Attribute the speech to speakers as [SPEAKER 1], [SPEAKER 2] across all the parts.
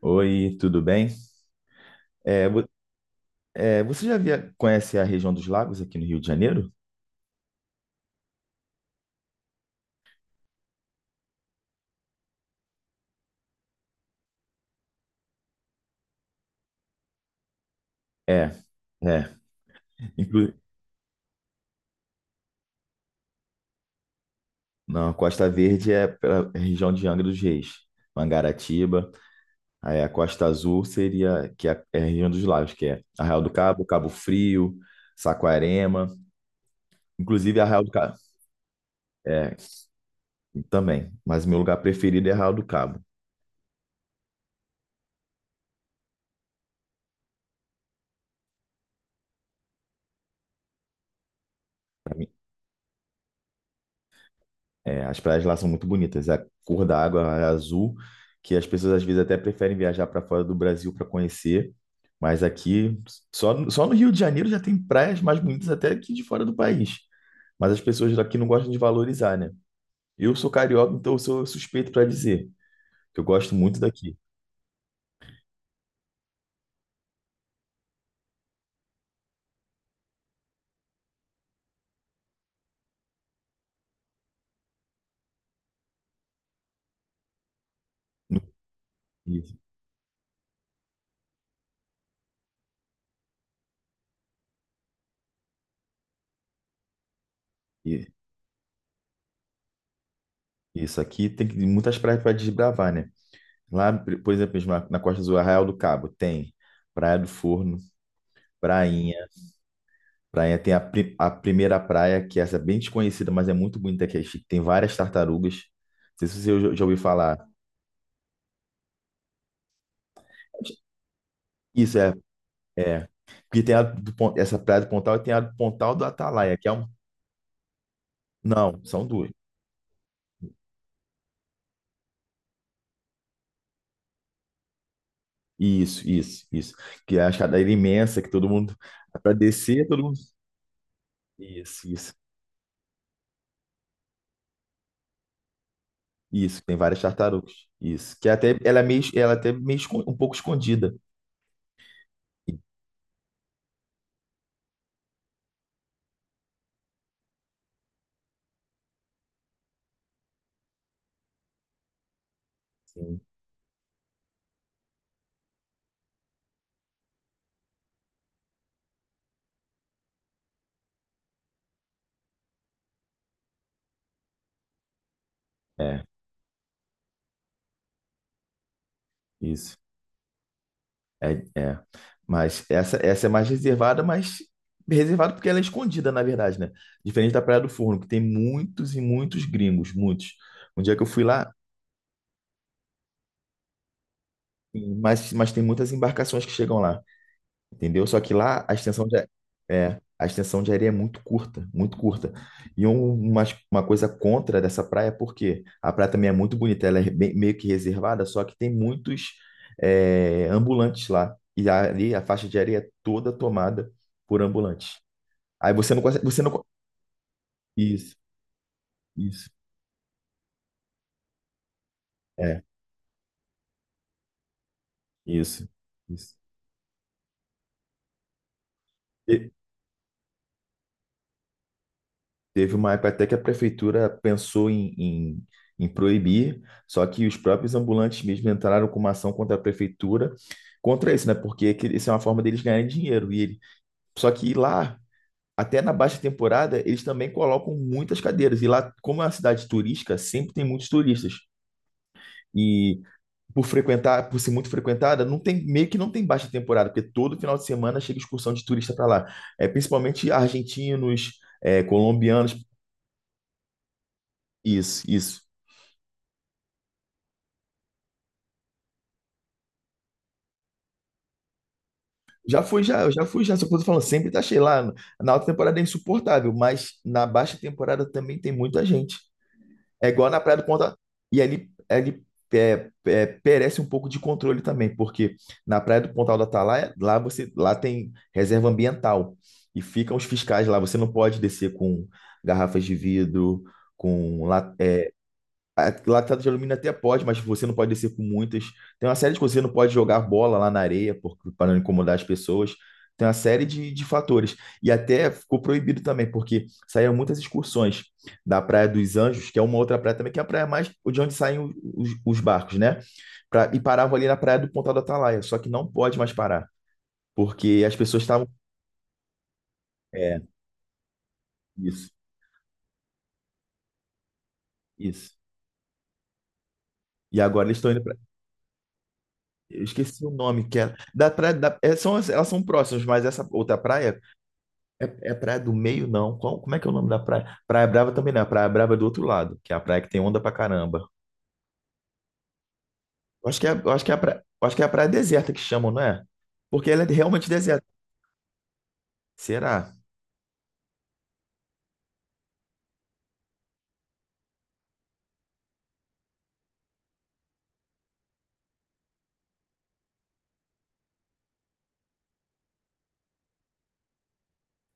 [SPEAKER 1] Oi, tudo bem? É, vo- você já conhece a região dos lagos aqui no Rio de Janeiro? É, é. Inclu Não, a Costa Verde é pela região de Angra dos Reis, Mangaratiba. Aí a Costa Azul seria que é a região dos lagos, que é Arraial do Cabo, Cabo Frio, Saquarema. Inclusive Arraial do Cabo. É, também. Mas meu lugar preferido é Arraial do Cabo. É, as praias lá são muito bonitas. A cor da água é azul, que as pessoas às vezes até preferem viajar para fora do Brasil para conhecer. Mas aqui, só no Rio de Janeiro já tem praias mais bonitas até que de fora do país. Mas as pessoas daqui não gostam de valorizar, né? Eu sou carioca, então eu sou suspeito para dizer que eu gosto muito daqui. E, e- isso aqui tem muitas praias para desbravar, né? Lá, por exemplo, na Costa do Arraial do Cabo, tem Praia do Forno, Prainha. Praia tem a, a primeira praia, que essa é bem desconhecida, mas é muito bonita, que é chique. Tem várias tartarugas. Não sei se você já ouviu falar. Isso é, é. Porque tem a do, essa praia do Pontal e tem a do Pontal do Atalaia, que é um. Não, são duas. Isso, isso, isso. Que é a escadaria imensa, que todo mundo. Para descer, todo mundo. Isso, isso. Isso, tem várias tartarugas. Isso. Que é até ela é meio, ela é até um pouco escondida. Sim. É, isso. É, é. Mas essa é mais reservada, mas reservada porque ela é escondida, na verdade, né? Diferente da Praia do Forno, que tem muitos e muitos gringos, muitos. Um dia que eu fui lá, mas tem muitas embarcações que chegam lá. Entendeu? Só que lá a extensão de, é, a extensão de areia é muito curta, muito curta. E um- uma, uma coisa contra dessa praia, é porque a praia também é muito bonita, ela é meio que reservada, só que tem muitos é, ambulantes lá. E ali a faixa de areia é toda tomada por ambulantes. Aí você não consegue, você não, co- isso, isso, é, isso, isso. Teve uma época até que a prefeitura pensou em proibir, só que os próprios ambulantes mesmo entraram com uma ação contra a prefeitura, contra isso, né? Porque isso é uma forma deles ganharem dinheiro. E ele... Só que lá, até na baixa temporada, eles também colocam muitas cadeiras. E lá, como é uma cidade turística, sempre tem muitos turistas. E por frequentar, por ser muito frequentada, não tem, meio que não tem baixa temporada, porque todo final de semana chega excursão de turista para lá. É, principalmente argentinos, é, colombianos, isso, isso. Já fui, já, eu já fui, já. Só que eu tô falando, sempre tá cheio lá. Na alta temporada é insuportável, mas na baixa temporada também tem muita gente. É igual na Praia do Ponta. E ali, ali é, é, perece um pouco de controle também, porque na Praia do Pontal da Atalaia, lá você, lá tem reserva ambiental e ficam os fiscais lá. Você não pode descer com garrafas de vidro, com la- Latada de alumínio até pode, mas você não pode descer com muitas. Tem uma série de coisas, você não pode jogar bola lá na areia porque, para não incomodar as pessoas. Tem uma série de fatores. E até ficou proibido também, porque saíram muitas excursões da Praia dos Anjos, que é uma outra praia também, que é a praia mais de onde saem os barcos, né? E paravam ali na Praia do Pontal do Atalaia. Só que não pode mais parar, porque as pessoas estavam. É, isso, isso. E agora eles estão indo para. Eu esqueci o nome, que é. Da praia, da, é, são, elas são próximas, mas essa outra praia é, é Praia do Meio, não. Como é que é o nome da praia? Praia Brava também não. é A Praia Brava é do outro lado, que é a praia que tem onda pra caramba. Eu acho que é, eu acho que é a praia, eu acho que é a praia deserta que chamam, não é? Porque ela é realmente deserta. Será?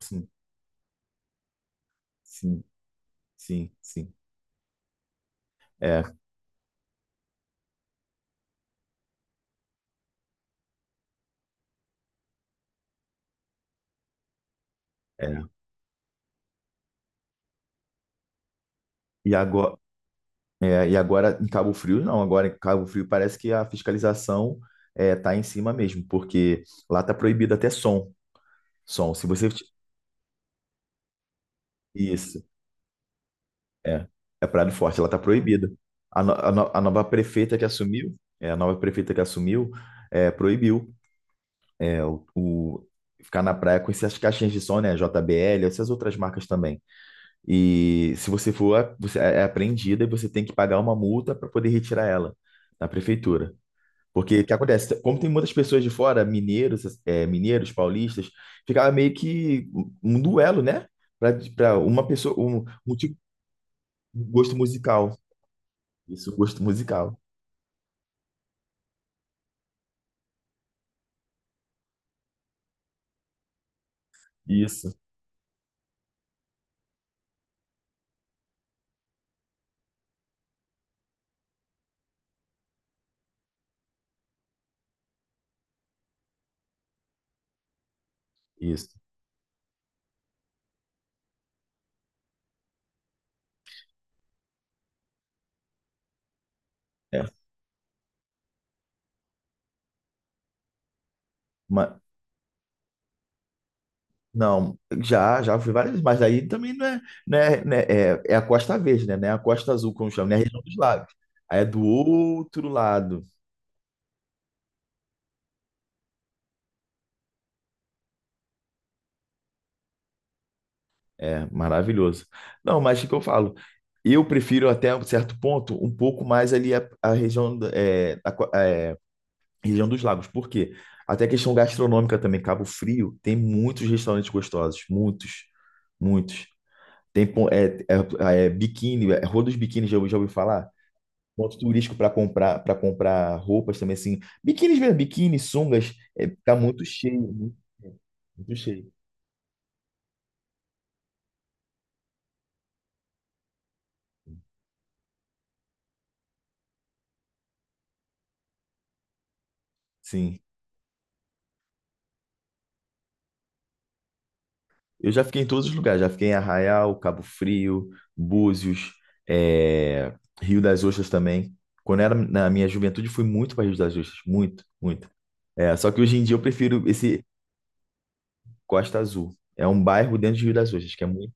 [SPEAKER 1] Sim, sim, sim, sim. É, é. E agora, é, e agora em Cabo Frio, não. Agora em Cabo Frio parece que a fiscalização é, tá em cima mesmo, porque lá tá proibido até som. Som. Se você. Isso. É, é Praia do Forte, ela está proibida. A, no- a no- a nova prefeita que assumiu, é, a nova prefeita que assumiu, é, proibiu é, ficar na praia com essas caixinhas de som, né, JBL, essas outras marcas também. E se você for, você é apreendida e você tem que pagar uma multa para poder retirar ela da prefeitura. Porque o que acontece? Como tem muitas pessoas de fora, mineiros, é, mineiros, paulistas, ficava meio que um duelo, né? Para uma pessoa, um tipo de gosto musical. Isso, gosto musical. Isso, isso. É. Mas, não, já, já fui várias vezes, mas aí também não é, não é, né, é, é a Costa Verde, né? Não é a Costa Azul, como chama, né? É a região dos lagos. Aí é do outro lado. É, maravilhoso. Não, mas o que eu falo? Eu prefiro até um certo ponto um pouco mais ali a região, é, a, é, região dos lagos. Por quê? Até a questão gastronômica também. Cabo Frio tem muitos restaurantes gostosos. Muitos, muitos. Tem é, é, é, biquíni, é, Rua dos Biquínis, já, já ouvi falar? Ponto turístico para comprar roupas também, assim. Biquínis mesmo, biquíni, sungas, é, tá muito cheio, muito, cheio, muito cheio. Sim. Eu já fiquei em todos os lugares, já fiquei em Arraial, Cabo Frio, Búzios, é, Rio das Ostras também. Quando eu era na minha juventude, fui muito para Rio das Ostras, muito, muito. É, só que hoje em dia eu prefiro esse Costa Azul. É um bairro dentro de Rio das Ostras, que é muito.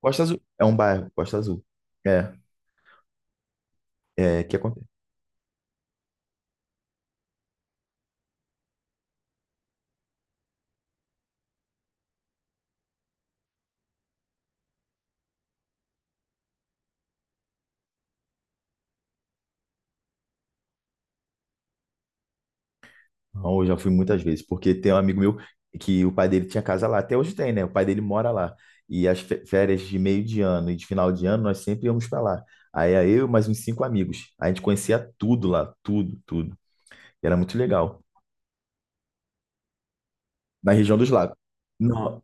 [SPEAKER 1] Costa Azul é um bairro, Costa Azul. É. É que acontece. Não, eu já fui muitas vezes, porque tem um amigo meu que o pai dele tinha casa lá, até hoje tem, né? O pai dele mora lá. E as férias de meio de ano e de final de ano, nós sempre íamos para lá. Aí era eu e mais uns cinco amigos. A gente conhecia tudo lá, tudo, tudo. E era muito legal. Na região dos lagos. Não,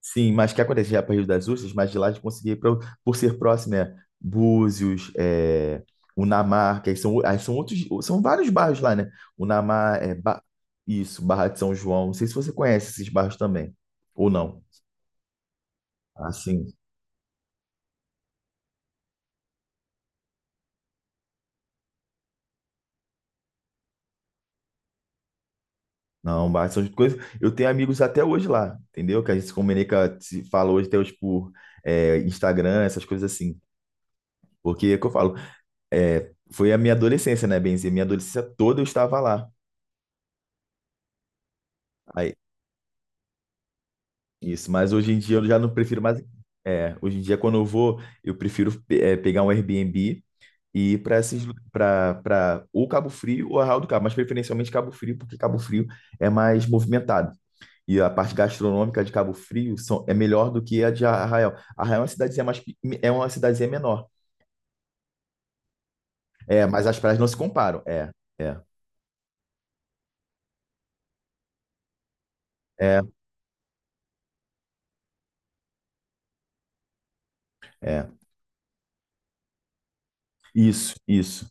[SPEAKER 1] sim, mas o que acontece? Já para Rio das Ostras, mas de lá a gente conseguia ir pra, por ser próximo, né? Búzios, é, Unamar, que aí são outros, são vários bairros lá, né? Unamar, é, isso, Barra de São João. Não sei se você conhece esses bairros também, ou não. Assim, não, Barra de São João. Eu tenho amigos até hoje lá, entendeu? Que a gente se comunica, se fala hoje até hoje por é, Instagram, essas coisas assim. Porque é o que eu falo, é, foi a minha adolescência, né, Benzi? Minha adolescência toda eu estava lá. Isso, mas hoje em dia eu já não prefiro mais. É, hoje em dia, quando eu vou, eu prefiro é, pegar um Airbnb e ir para esses para ou Cabo Frio ou Arraial do Cabo, mas preferencialmente Cabo Frio, porque Cabo Frio é mais movimentado. E a parte gastronômica de Cabo Frio são, é melhor do que a de Arraial. Arraial é uma cidadezinha mais, é uma cidadezinha menor. É, mas as praias não se comparam. É, é, é, é. Isso, isso.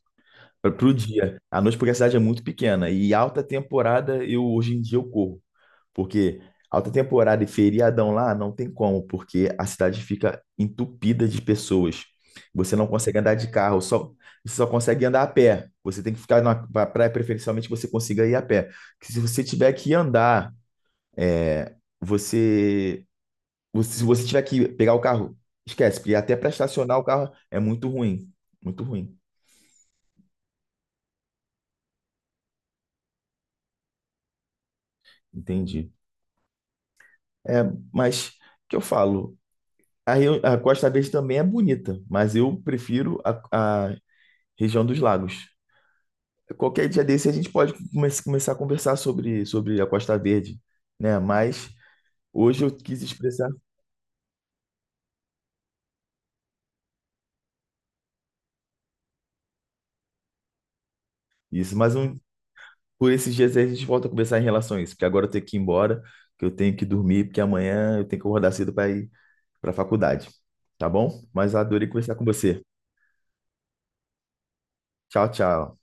[SPEAKER 1] Para o dia. À noite, porque a cidade é muito pequena. E alta temporada, eu hoje em dia eu corro. Porque alta temporada e feriadão lá não tem como, porque a cidade fica entupida de pessoas. Você não consegue andar de carro, só, você só consegue andar a pé. Você tem que ficar na praia, preferencialmente que você consiga ir a pé. Porque se você tiver que andar, é, se você tiver que pegar o carro, esquece, porque até para estacionar o carro é muito ruim. Muito ruim. Entendi. É, mas o que eu falo? A, a Costa Verde também é bonita, mas eu prefiro a região dos lagos. Qualquer dia desse a gente pode começar a conversar sobre, sobre a Costa Verde, né? Mas hoje eu quis expressar isso. Mas um, por esses dias aí a gente volta a conversar em relação a isso, porque agora eu tenho que ir embora, que eu tenho que dormir, porque amanhã eu tenho que acordar cedo para ir para a faculdade. Tá bom? Mas adorei conversar com você. Tchau, tchau.